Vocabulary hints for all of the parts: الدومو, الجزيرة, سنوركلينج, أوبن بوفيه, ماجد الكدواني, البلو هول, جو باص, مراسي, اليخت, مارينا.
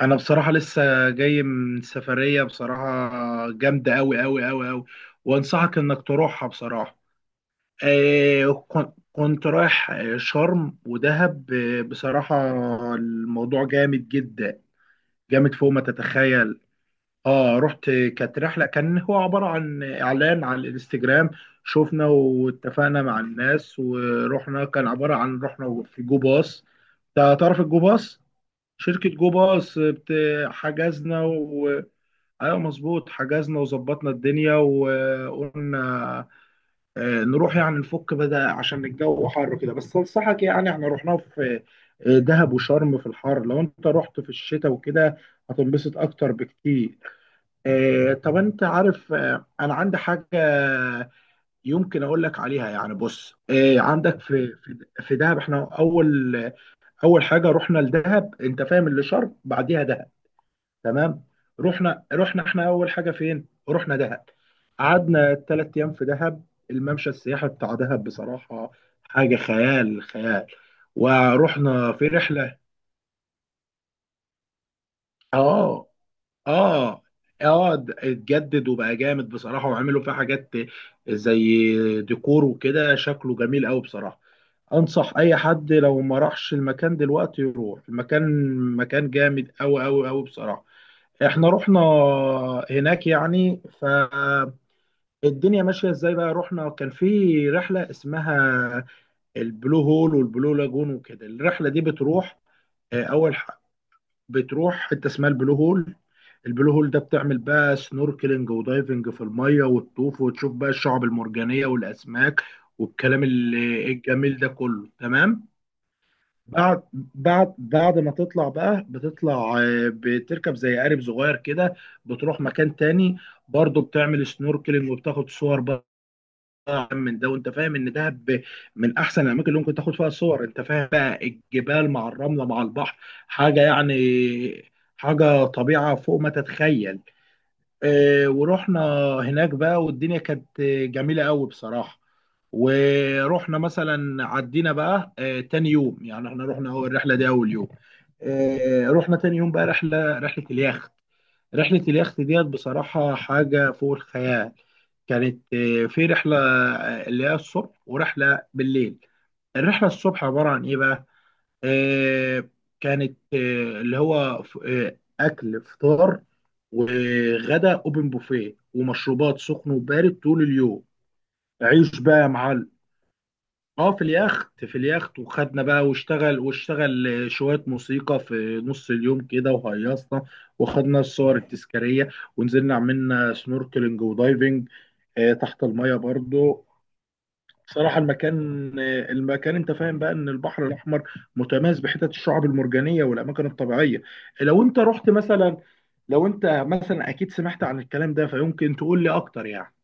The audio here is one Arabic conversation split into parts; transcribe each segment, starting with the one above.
انا بصراحه لسه جاي من سفريه. بصراحه جامده قوي قوي قوي قوي، وانصحك انك تروحها بصراحه. كنت رايح، شرم ودهب. بصراحه الموضوع جامد جدا، جامد فوق ما تتخيل. اه، رحت. كانت رحله، كان هو عباره عن اعلان على الانستجرام. شفنا واتفقنا مع الناس ورحنا. كان عباره عن رحنا في جو باص. تعرف الجو باص؟ شركة جو باص حجزنا و... ايوه مظبوط. حجزنا وظبطنا الدنيا وقلنا نروح يعني نفك بدأ عشان الجو حر كده. بس انصحك يعني احنا رحناه في دهب وشرم في الحر. لو انت رحت في الشتاء وكده هتنبسط اكتر بكتير. طب انت عارف، انا عندي حاجة يمكن اقول لك عليها يعني. بص، عندك في دهب، احنا اول... اول حاجة رحنا لدهب. انت فاهم اللي شرم بعديها دهب. تمام. رحنا احنا اول حاجه فين؟ رحنا دهب. قعدنا 3 ايام في دهب. الممشى السياحي بتاع دهب بصراحه حاجه خيال، خيال. ورحنا في رحله. اه اه اتجدد وبقى جامد بصراحه، وعملوا فيه حاجات زي ديكور وكده، شكله جميل قوي بصراحه. انصح اي حد لو ما راحش المكان دلوقتي يروح المكان. مكان جامد قوي قوي قوي بصراحه. احنا رحنا هناك يعني. فالدنيا ماشيه ازاي بقى، رحنا كان في رحله اسمها البلو هول والبلو لاجون وكده. الرحله دي بتروح آه، اول ح- بتروح حته اسمها البلو هول. البلو هول ده بتعمل بقى سنوركلينج ودايفنج في الميه، وتطوف وتشوف بقى الشعب المرجانيه والاسماك والكلام الجميل ده كله. تمام. بعد ما تطلع بقى، بتطلع بتركب زي قارب صغير كده. بتروح مكان تاني، برضه بتعمل سنوركلينج وبتاخد صور بقى من ده. وانت فاهم ان دهب من احسن الاماكن اللي ممكن تاخد فيها صور. انت فاهم بقى الجبال مع الرمله مع البحر، حاجه يعني، حاجه طبيعه فوق ما تتخيل. ورحنا هناك بقى، والدنيا كانت جميلة قوي بصراحة. ورحنا مثلا عدينا بقى تاني يوم. يعني احنا رحنا هو الرحلة دي أول يوم. رحنا تاني يوم بقى رحلة اليخت. رحلة اليخت ديت بصراحة حاجة فوق الخيال. كانت في رحلة، اللي هي الصبح ورحلة بالليل. الرحلة الصبح عبارة عن إيه بقى؟ آه، كانت اللي هو اكل فطار وغدا اوبن بوفيه، ومشروبات سخن وبارد طول اليوم. عيش بقى يا معلم. اه، في اليخت، وخدنا بقى، واشتغل شوية موسيقى في نص اليوم كده وهيصنا. وخدنا الصور التذكارية، ونزلنا عملنا سنوركلينج ودايفنج تحت المية برضو. بصراحة المكان، انت فاهم بقى ان البحر الاحمر متميز بحتت الشعب المرجانية والاماكن الطبيعية. لو انت رحت مثلا لو انت مثلا اكيد سمعت عن الكلام ده، فيمكن تقول لي اكتر يعني.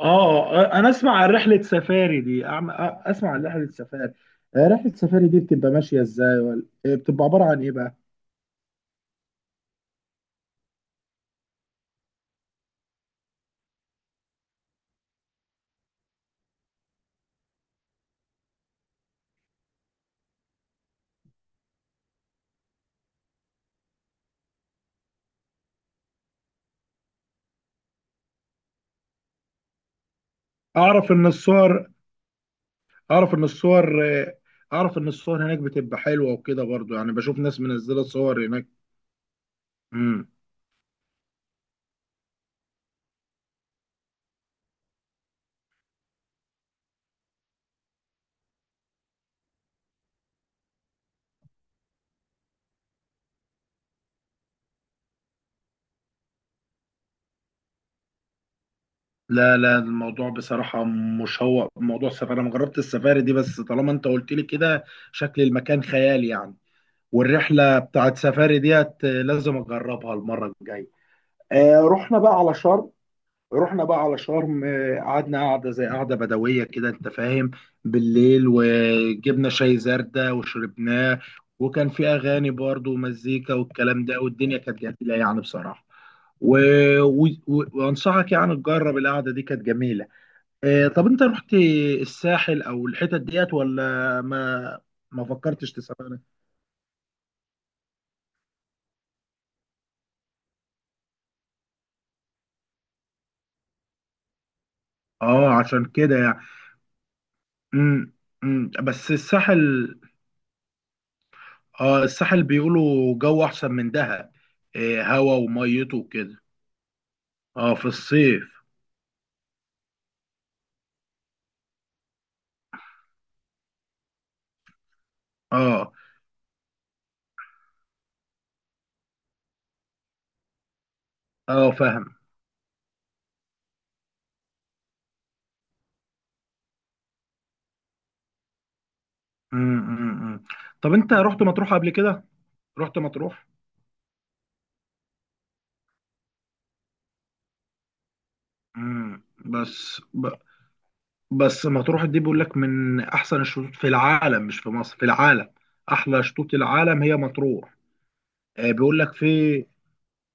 اه، انا اسمع عن رحلة سفاري. رحلة سفاري دي بتبقى ماشية ازاي، ولا بتبقى عبارة عن ايه بقى؟ اعرف ان الصور... اعرف ان الصور آه، اعرف ان الصور هناك بتبقى حلوة وكده، برضو يعني بشوف ناس منزلة صور هناك. لا لا، الموضوع بصراحة مشوق، موضوع السفاري. أنا ما جربت السفاري دي، بس طالما أنت قلت لي كده شكل المكان خيالي يعني. والرحلة بتاعت سفاري ديت لازم أجربها المرة الجاية. رحنا بقى على شرم. رحنا بقى على شرم، قعدنا قعدة زي قعدة بدوية كده أنت فاهم، بالليل وجبنا شاي زردة وشربناه. وكان في أغاني برضو ومزيكا والكلام ده، والدنيا كانت جميلة يعني بصراحة. و... وأنصحك يعني تجرب القعدة دي، كانت جميلة. طب انت رحت الساحل او الحتت ديت، ولا ما ما فكرتش تسافر؟ اه، عشان كده يعني. امم بس الساحل، اه، الساحل بيقولوا جو احسن من دهب. هوا وميته وكده. اه في الصيف. اه اه، فاهم. أمم. طب انت رحت مطروح قبل كده؟ رحت مطروح؟ امم بس ب... بس مطروح دي بيقول لك من احسن الشطوط في العالم، مش في مصر، في العالم. احلى شطوط العالم هي مطروح. آه، بيقول لك في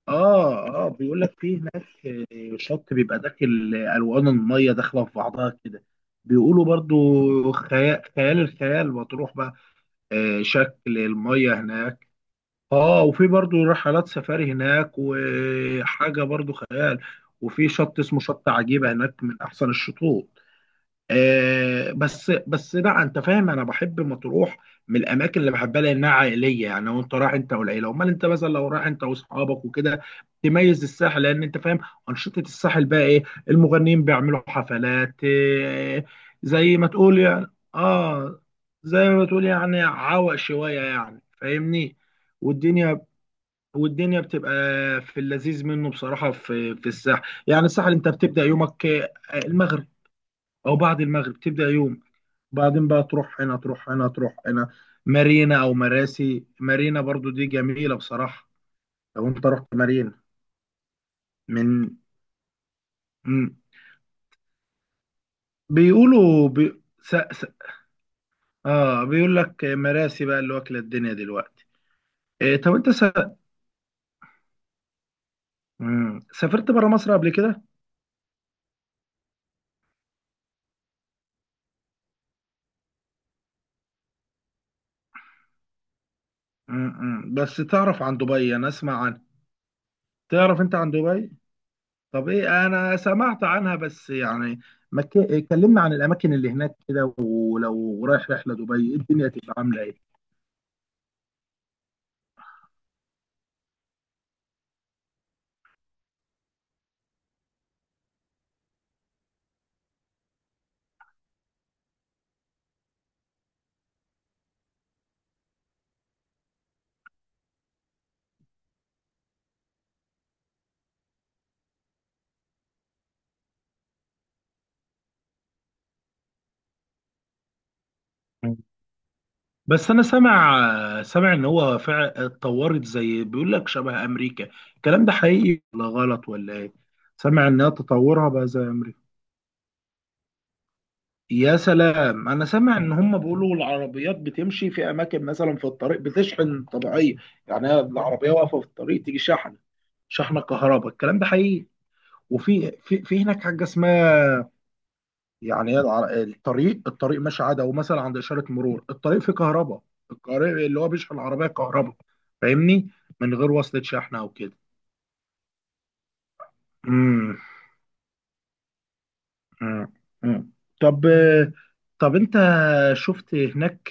اه بيقول لك في هناك شط بيبقى داخل، الوان الميه داخله في بعضها كده. بيقولوا برضو خيال، خيال الخيال. بتروح بقى شكل الميه هناك. اه، وفي برضو رحلات سفاري هناك، وحاجه برضو خيال. وفي شط اسمه شط عجيبه هناك، من احسن الشطوط. آه بس بس لا، انت فاهم انا بحب مطروح، من الاماكن اللي بحبها لانها عائليه يعني، وانت رايح انت والعيله. امال انت مثلا لو رايح انت واصحابك وكده تميز الساحل. لان انت فاهم انشطه الساحل بقى ايه. المغنيين بيعملوا حفلات، زي ما تقول يعني. اه زي ما تقول يعني عوق شويه يعني، فاهمني؟ والدنيا... والدنيا بتبقى في اللذيذ منه بصراحه، في الساحل. يعني الساحل انت بتبدا يومك المغرب او بعد المغرب تبدا يوم، بعدين بقى تروح هنا، تروح هنا، تروح هنا. مارينا او مراسي. مارينا برضو دي جميلة بصراحة، لو انت رحت مارينا، من... مم. بيقولوا بي... س... س... اه بيقول لك مراسي بقى اللي واكلة الدنيا دلوقتي. طب انت س... مم. سافرت برا مصر قبل كده؟ بس تعرف عن دبي؟ انا اسمع عنها. تعرف انت عن دبي؟ طب ايه، انا سمعت عنها بس يعني ما ك... كلمنا عن الاماكن اللي هناك كده، ولو رايح رحلة دبي إيه الدنيا تبقى عاملة ايه؟ بس انا سامع ان هو فعلا اتطورت، زي بيقول لك شبه امريكا. الكلام ده حقيقي ولا غلط ولا ايه؟ سامع انها تطورها بقى زي امريكا. يا سلام. انا سامع ان هم بيقولوا العربيات بتمشي في اماكن، مثلا في الطريق بتشحن طبيعيه. يعني هي العربيه واقفه في الطريق تيجي شحنه، شحنه كهرباء. الكلام ده حقيقي؟ وفي في في هناك حاجه اسمها... يعني هي الطريق ماشي عادي، او مثلا عند اشاره مرور الطريق فيه كهرباء. الطريق اللي هو بيشحن العربيه كهرباء، فاهمني؟ من غير وصلة شحن او كده. امم امم أمم. طب، انت شفت هناك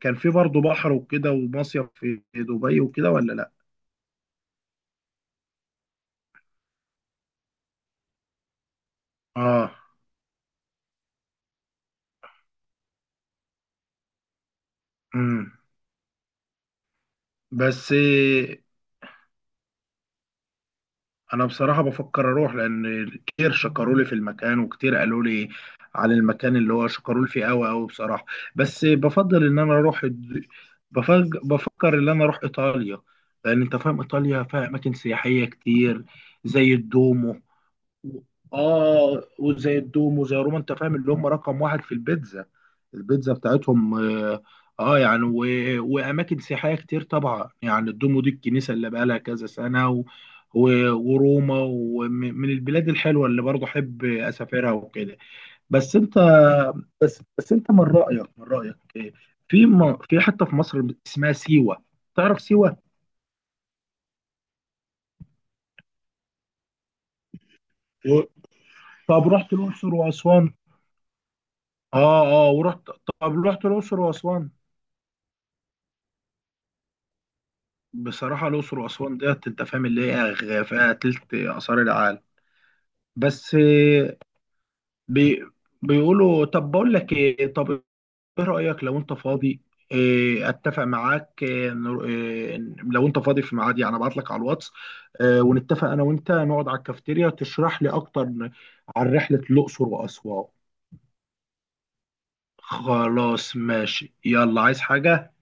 كان في برضه بحر وكده ومصيف في دبي وكده، ولا لا؟ اه امم بس انا بصراحه بفكر اروح، لان كتير شكروا لي في المكان وكتير قالوا لي عن المكان اللي هو شكروا لي فيه قوي قوي بصراحه. بس بفضل ان انا اروح بفكر ان انا اروح ايطاليا، لان انت فاهم ايطاليا فيها اماكن سياحيه كتير، زي الدومو و... اه وزي الدومو، زي روما. انت فاهم اللي هم رقم واحد في البيتزا، البيتزا بتاعتهم. يعني واماكن سياحيه كتير طبعا، يعني الدومو دي الكنيسه اللي بقى لها كذا سنه وروما، ومن البلاد الحلوه اللي برضه احب اسافرها وكده. بس انت بس انت من رايك إيه؟ في حته في مصر اسمها سيوه، تعرف سيوه؟ و... طب رحت الاقصر واسوان؟ اه اه، ورحت. طب رحت الاقصر واسوان؟ بصراحه الاقصر واسوان ديت انت فاهم اللي هي فيها تلت اثار العالم. بس آه، بي بيقولوا... طب بقول لك ايه، طب ايه رأيك، لو انت فاضي؟ اتفق معاك إيه، نر- إيه، لو انت فاضي في ميعاد، يعني ابعت لك على الواتس ونتفق انا وانت نقعد على الكافيتيريا تشرح لي اكتر عن رحلة الاقصر واسوان. خلاص ماشي، يلا. عايز حاجة؟